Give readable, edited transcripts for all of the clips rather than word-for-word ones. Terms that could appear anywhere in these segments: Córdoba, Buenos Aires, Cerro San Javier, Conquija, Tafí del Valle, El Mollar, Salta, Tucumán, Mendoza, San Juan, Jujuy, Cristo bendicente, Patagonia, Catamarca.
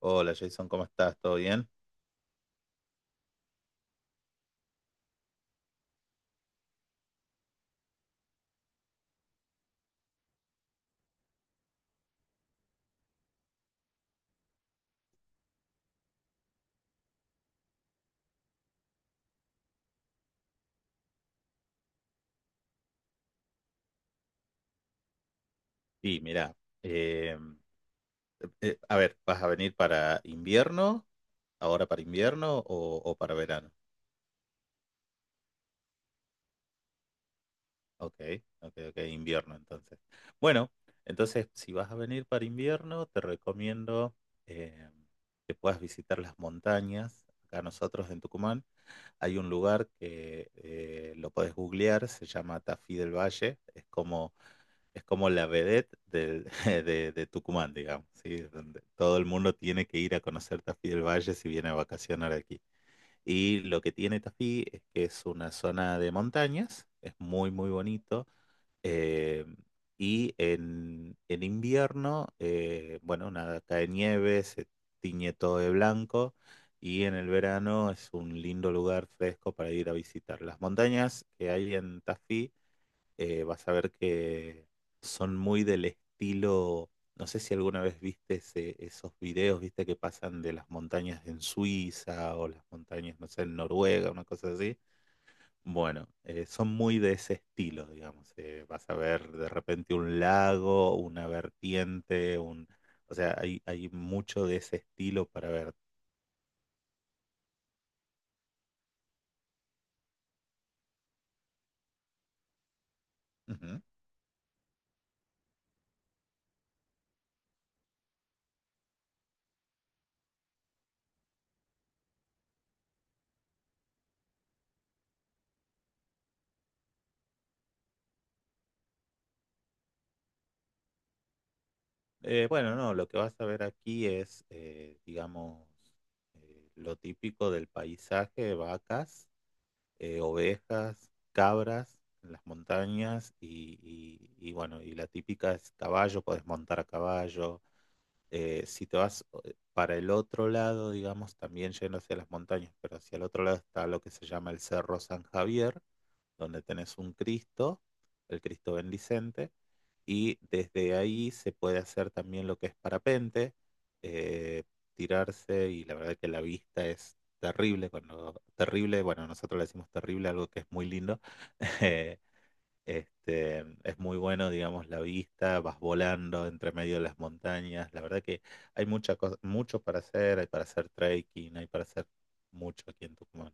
Hola Jason, ¿cómo estás? ¿Todo bien? Sí, mira, eh, a ver, ¿vas a venir para invierno? ¿Ahora para invierno o para verano? Ok, ok, ok, invierno entonces. Bueno, entonces si vas a venir para invierno, te recomiendo eh, que puedas visitar las montañas. Acá nosotros en Tucumán hay un lugar que lo podés googlear, se llama Tafí del Valle. Es como la vedette de Tucumán, digamos, ¿sí? Donde todo el mundo tiene que ir a conocer Tafí del Valle si viene a vacacionar aquí. Y lo que tiene Tafí es que es una zona de montañas, es muy, muy bonito. eh, y en invierno, bueno, nada, cae nieve, se tiñe todo de blanco. Y en el verano es un lindo lugar fresco para ir a visitar. Las montañas que hay en Tafí vas a ver que son muy del estilo, no sé si alguna vez viste esos videos, viste que pasan de las montañas en Suiza o las montañas, no sé, en Noruega, una cosa así. Bueno, son muy de ese estilo, digamos. Vas a ver de repente un lago, una vertiente, un... O sea, hay mucho de ese estilo para ver. Ujú. Bueno, no, lo que vas a ver aquí es, digamos, lo típico del paisaje, vacas, ovejas, cabras en las montañas y bueno, y la típica es caballo, podés montar a caballo, si te vas para el otro lado, digamos, también yendo hacia las montañas, pero hacia el otro lado está lo que se llama el Cerro San Javier, donde tenés un Cristo, el Cristo bendicente, y desde ahí se puede hacer también lo que es parapente, eh, tirarse, y la verdad que la vista es terrible, cuando terrible, bueno, nosotros le decimos terrible, algo que es muy lindo, eh, este, es muy bueno, digamos, la vista, vas volando entre medio de las montañas. La verdad que hay mucha cosa, mucho para hacer, hay para hacer trekking, hay para hacer mucho aquí en Tucumán.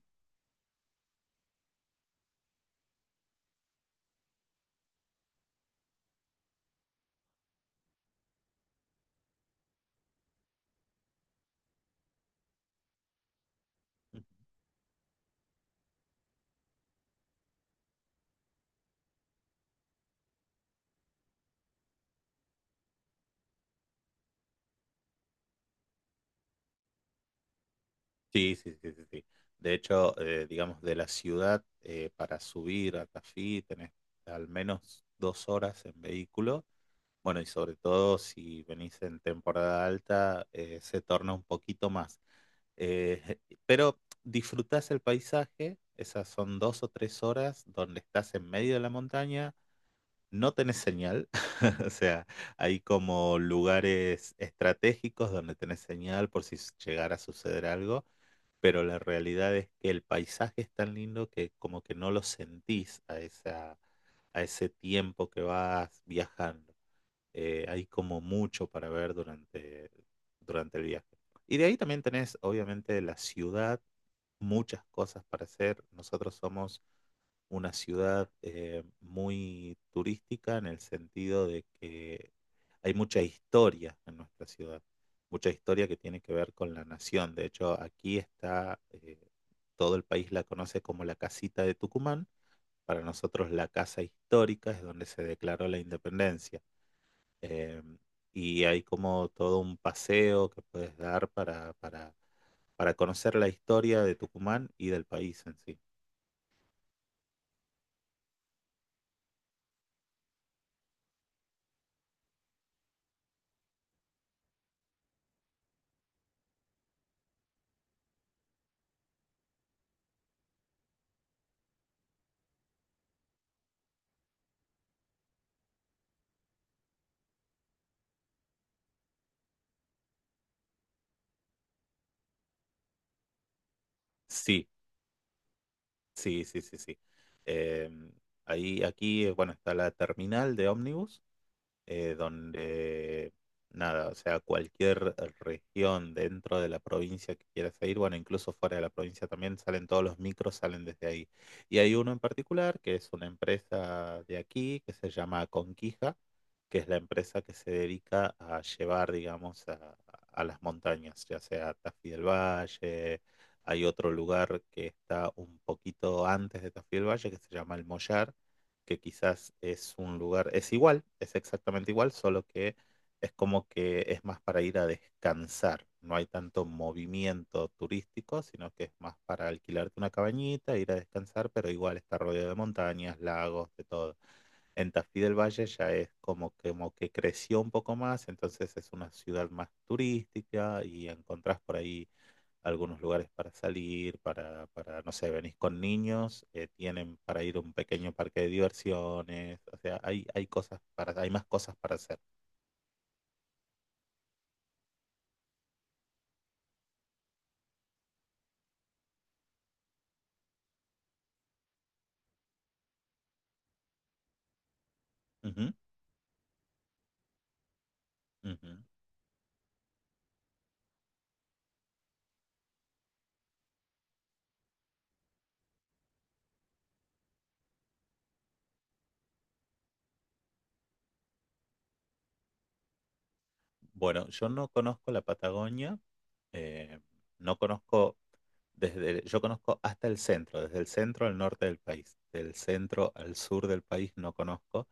Sí, sí, sí, sí, sí. De hecho, digamos, de la ciudad para subir a Tafí tenés al menos dos horas en vehículo. Bueno, y sobre todo si venís en temporada alta, se torna un poquito más. Eh, pero disfrutás el paisaje, esas son dos o tres horas donde estás en medio de la montaña, no tenés señal, o sea, hay como lugares estratégicos donde tenés señal por si llegara a suceder algo, pero la realidad es que el paisaje es tan lindo que como que no lo sentís a esa, a ese tiempo que vas viajando hay como mucho para ver durante el viaje. Y de ahí también tenés, obviamente, la ciudad, muchas cosas para hacer. Nosotros somos una ciudad muy turística en el sentido de que hay mucha historia en nuestra ciudad, mucha historia que tiene que ver con la nación. De hecho, aquí está, todo el país la conoce como la casita de Tucumán. Para nosotros la casa histórica es donde se declaró la independencia eh, y hay como todo un paseo que puedes dar para conocer la historia de Tucumán y del país en sí. Sí, sí, sí, sí, sí. Eh, aquí, bueno, está la terminal de ómnibus donde nada, o sea, cualquier región dentro de la provincia que quieras ir, bueno, incluso fuera de la provincia también salen todos los micros, salen desde ahí. Y hay uno en particular que es una empresa de aquí que se llama Conquija, que es la empresa que se dedica a llevar, digamos, a las montañas, ya sea Tafí del Valle. Hay otro lugar que está un poquito antes de Tafí del Valle que se llama El Mollar, que quizás es un lugar, es igual, es exactamente igual, solo que es como que es más para ir a descansar. No hay tanto movimiento turístico, sino que es más para alquilarte una cabañita, ir a descansar, pero igual está rodeado de montañas, lagos, de todo. En Tafí del Valle ya es como que creció un poco más, entonces es una ciudad más turística y encontrás por ahí algunos lugares para salir, no sé, venís con niños, tienen para ir a un pequeño parque de diversiones, o sea, hay cosas para, hay más cosas para hacer. Ujú, ujú. Bueno, yo no conozco la Patagonia, eh, no conozco desde, yo conozco hasta el centro, desde el centro al norte del país, del centro al sur del país no conozco.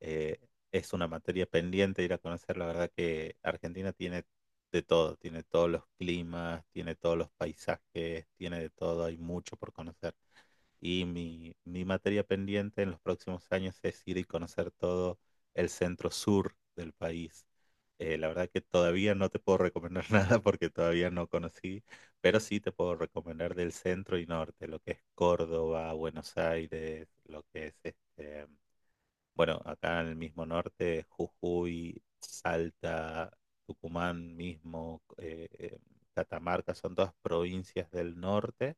eh, es una materia pendiente ir a conocer. La verdad que Argentina tiene de todo, tiene todos los climas, tiene todos los paisajes, tiene de todo, hay mucho por conocer. Y mi materia pendiente en los próximos años es ir y conocer todo el centro sur del país. La verdad que todavía no te puedo recomendar nada porque todavía no conocí, pero sí te puedo recomendar del centro y norte, lo que es Córdoba, Buenos Aires, lo que es este, bueno, acá en el mismo norte, Jujuy, Salta, Tucumán mismo, Catamarca, son todas provincias del norte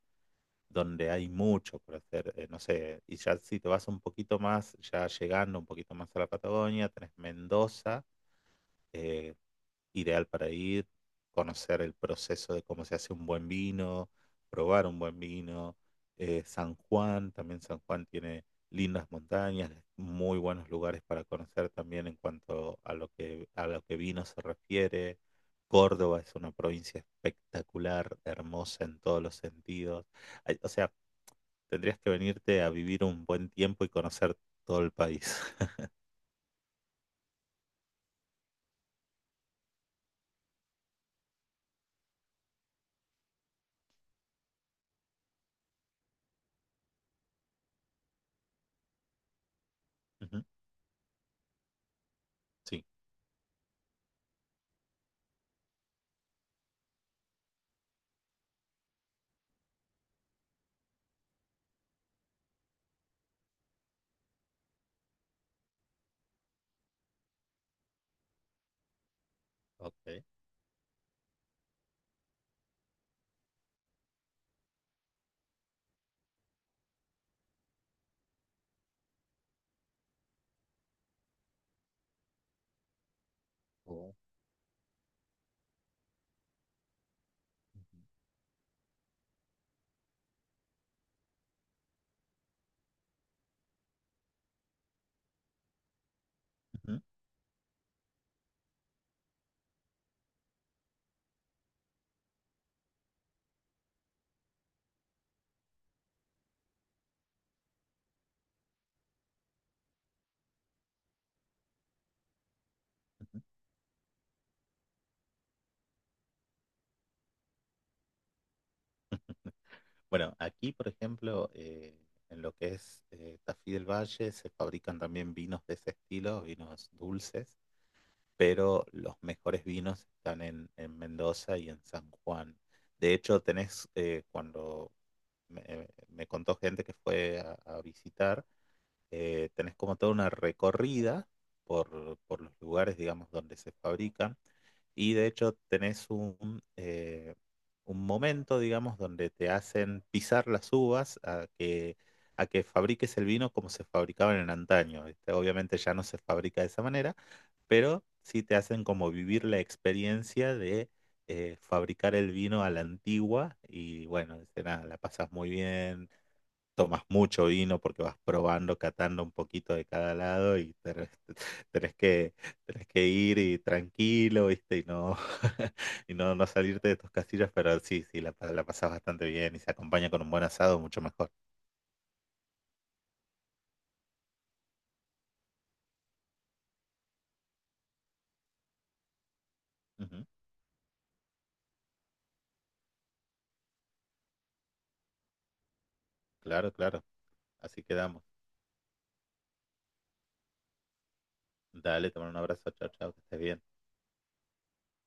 donde hay mucho por hacer. No sé, y ya si te vas un poquito más, ya llegando un poquito más a la Patagonia, tenés Mendoza, eh, ideal para ir, conocer el proceso de cómo se hace un buen vino, probar un buen vino. San Juan, también San Juan tiene lindas montañas, muy buenos lugares para conocer también en cuanto a lo que vino se refiere. Córdoba es una provincia espectacular, hermosa en todos los sentidos. Ay, o sea, tendrías que venirte a vivir un buen tiempo y conocer todo el país. Ujú, sí, ok. Oh. Ujú, ujú. Bueno, aquí, por ejemplo, en lo que es Tafí del Valle, se fabrican también vinos de ese estilo, vinos dulces, pero los mejores vinos están en Mendoza y en San Juan. De hecho, tenés, cuando me contó gente que fue a visitar, tenés como toda una recorrida por los lugares, digamos, donde se fabrican. Y de hecho tenés un momento, digamos, donde te hacen pisar las uvas a que fabriques el vino como se fabricaban en antaño. ¿Viste? Obviamente ya no se fabrica de esa manera, pero sí te hacen como vivir la experiencia de fabricar el vino a la antigua y bueno, dice, nada, la pasas muy bien, tomas mucho vino porque vas probando, catando un poquito de cada lado y tenés que, tenés que ir y tranquilo, ¿viste? Y no, y no, no salirte de tus casillas, pero sí, sí, la, la pasás bastante bien y se acompaña con un buen asado, mucho mejor. Ujú, claro, claro. Así quedamos. Dale, te mando un abrazo, chao, chao, que estés bien.